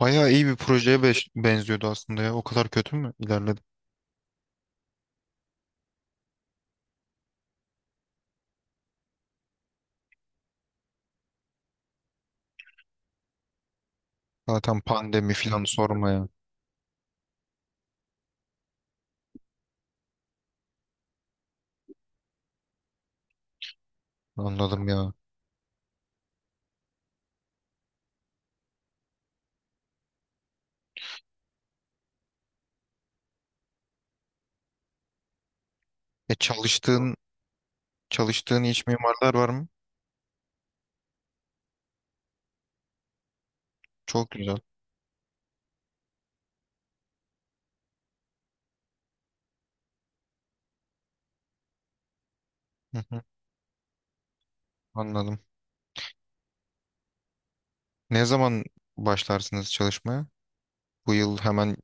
Bayağı iyi bir projeye benziyordu aslında ya. O kadar kötü mü ilerledi? Zaten pandemi falan sormaya. Anladım ya. E çalıştığın iç mimarlar var mı? Çok güzel. Hı hı, anladım. Ne zaman başlarsınız çalışmaya? Bu yıl hemen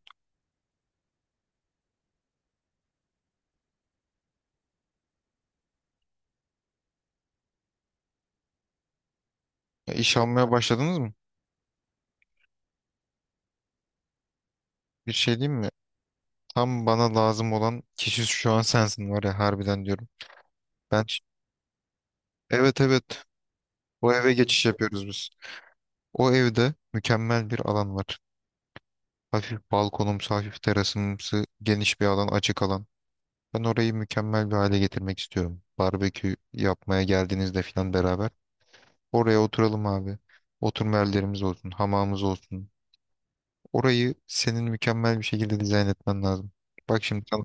iş almaya başladınız mı? Bir şey diyeyim mi? Tam bana lazım olan kişi şu an sensin var ya harbiden diyorum. Ben, evet evet, o eve geçiş yapıyoruz biz. O evde mükemmel bir alan var. Hafif balkonumsu, hafif terasımsı, geniş bir alan, açık alan. Ben orayı mükemmel bir hale getirmek istiyorum. Barbekü yapmaya geldiğinizde falan beraber. Oraya oturalım abi. Oturma yerlerimiz olsun, hamamımız olsun. Orayı senin mükemmel bir şekilde dizayn etmen lazım. Bak şimdi tam,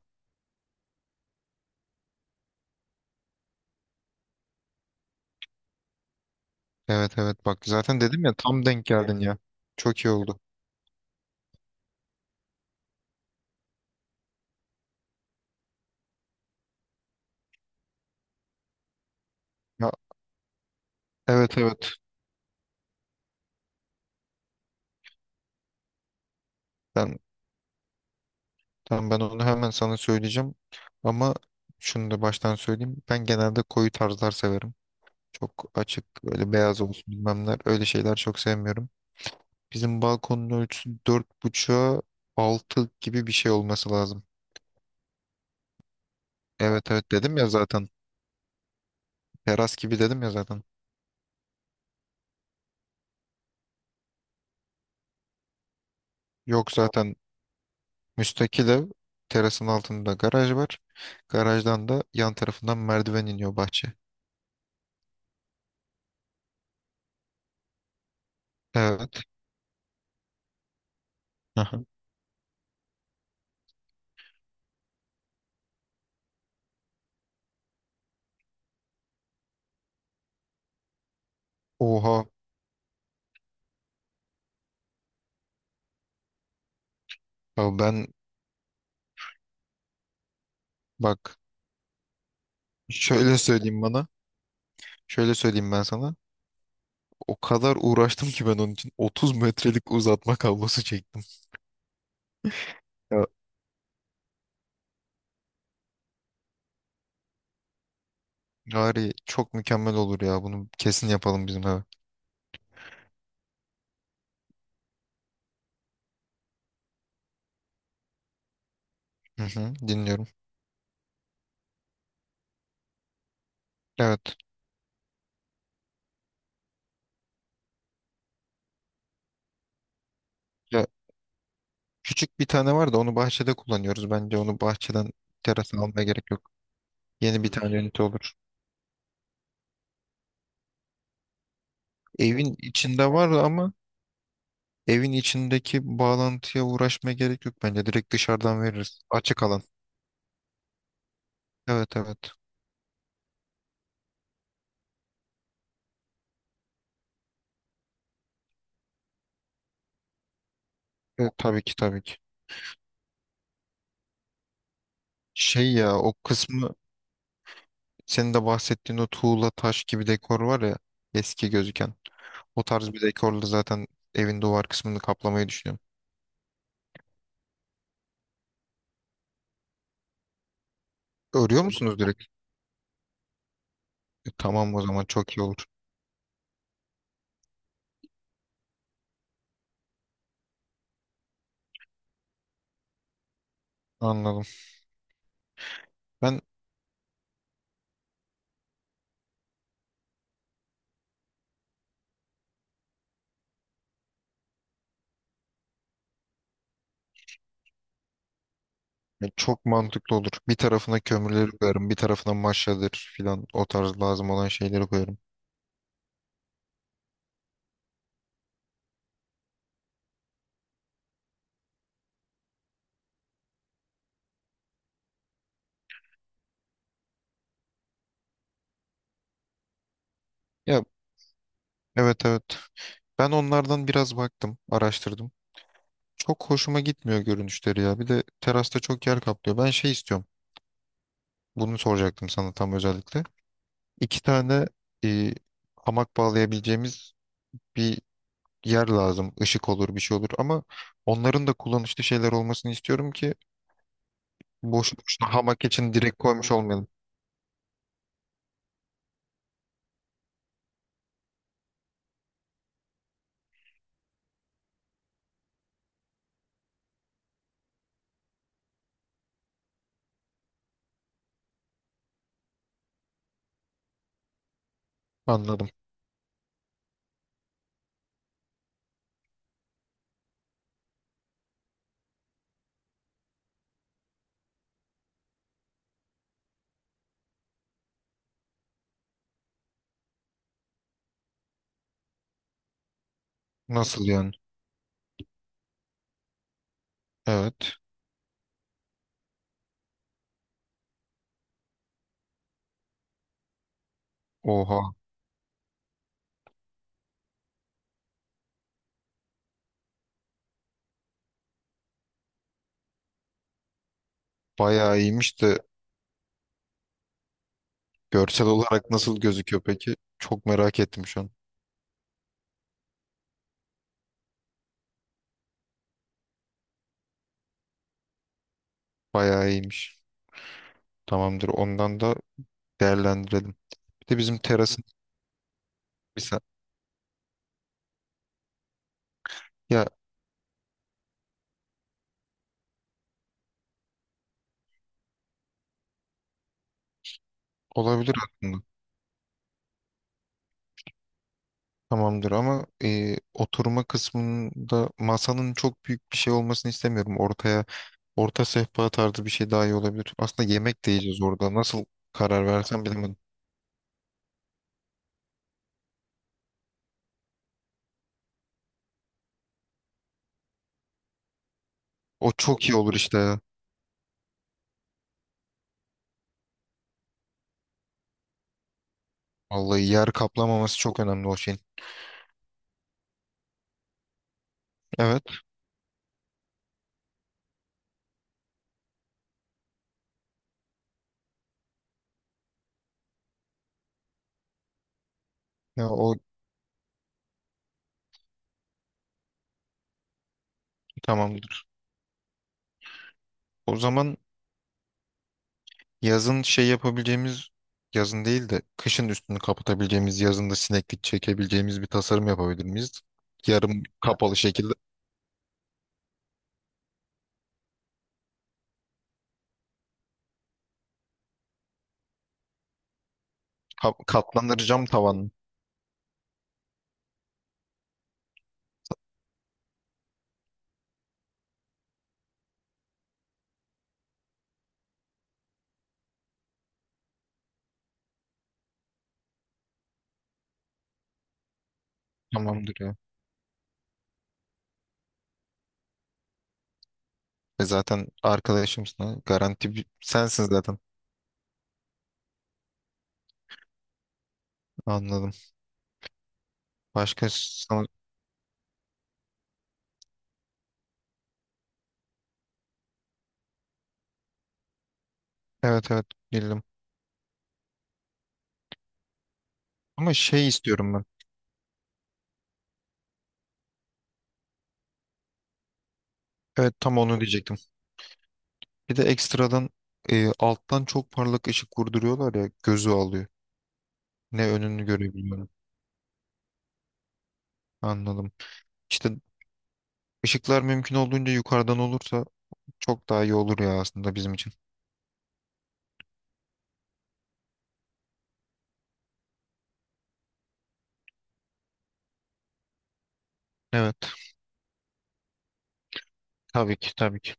evet evet, bak zaten dedim ya tam denk geldin ya. Çok iyi oldu. Ya, evet evet, ben, tamam ben onu hemen sana söyleyeceğim. Ama şunu da baştan söyleyeyim. Ben genelde koyu tarzlar severim. Çok açık böyle beyaz olsun bilmemler öyle şeyler çok sevmiyorum. Bizim balkonun ölçüsü 4.5'a 6 gibi bir şey olması lazım. Evet evet, dedim ya zaten, teras gibi dedim ya zaten. Yok zaten, müstakil ev, terasın altında garaj var. Garajdan da yan tarafından merdiven iniyor bahçe. Evet. Aha. Oha. Ya ben bak, şöyle söyleyeyim bana. Şöyle söyleyeyim ben sana. O kadar uğraştım ki ben onun için 30 metrelik uzatma kablosu çektim. Ya Gari çok mükemmel olur ya. Bunu kesin yapalım bizim eve. Hı hı, dinliyorum. Evet. Ya, küçük bir tane var da onu bahçede kullanıyoruz. Bence onu bahçeden terasa almaya gerek yok. Yeni bir tane ünite olur. Evin içinde var ama evin içindeki bağlantıya uğraşmaya gerek yok bence. Direkt dışarıdan veririz. Açık alan. Evet evet. Evet, tabii ki tabii ki. Şey ya, o kısmı, senin de bahsettiğin o tuğla taş gibi dekor var ya, eski gözüken. O tarz bir dekorla zaten evin duvar kısmını kaplamayı düşünüyorum. Örüyor musunuz direkt? E, tamam o zaman çok iyi olur. Anladım. Ben Çok mantıklı olur. Bir tarafına kömürleri koyarım, bir tarafına maşadır filan o tarz lazım olan şeyleri koyarım. Ya evet evet. Ben onlardan biraz baktım, araştırdım. Çok hoşuma gitmiyor görünüşleri ya. Bir de terasta çok yer kaplıyor. Ben şey istiyorum. Bunu soracaktım sana tam özellikle. İki tane e, hamak bağlayabileceğimiz bir yer lazım. Işık olur, bir şey olur ama onların da kullanışlı şeyler olmasını istiyorum ki boş boşuna hamak için direkt koymuş olmayalım. Anladım. Nasıl yani? Evet. Oha. Bayağı iyiymiş de görsel olarak nasıl gözüküyor peki? Çok merak ettim şu an. Bayağı iyiymiş. Tamamdır. Ondan da değerlendirelim. Bir de bizim terasın bir sa- ya olabilir aslında. Tamamdır ama oturma kısmında masanın çok büyük bir şey olmasını istemiyorum. Ortaya orta sehpa tarzı bir şey daha iyi olabilir. Aslında yemek de yiyeceğiz orada. Nasıl karar versem bilemedim. O çok iyi olur işte ya. Vallahi yer kaplamaması çok önemli o şeyin. Evet. Ya o tamamdır. O zaman yazın şey yapabileceğimiz, yazın değil de kışın üstünü kapatabileceğimiz, yazında sineklik çekebileceğimiz bir tasarım yapabilir miyiz? Yarım kapalı şekilde katlanır cam tavan. Tamamdır ya. E zaten arkadaşımsın ha. Garanti sensin zaten. Anladım. Başka sana... Evet evet, bildim. Ama şey istiyorum ben. Evet, tam onu diyecektim. Bir de ekstradan alttan çok parlak ışık vurduruyorlar ya gözü alıyor. Ne önünü görebiliyorum. Anladım. İşte ışıklar mümkün olduğunca yukarıdan olursa çok daha iyi olur ya aslında bizim için. Evet. Tabii ki tabii ki.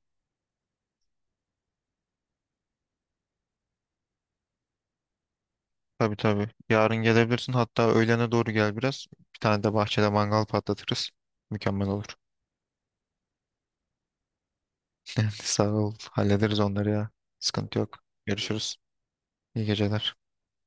Tabii tabii. Yarın gelebilirsin. Hatta öğlene doğru gel biraz. Bir tane de bahçede mangal patlatırız. Mükemmel olur. Sağ ol. Hallederiz onları ya. Sıkıntı yok. Görüşürüz. İyi geceler.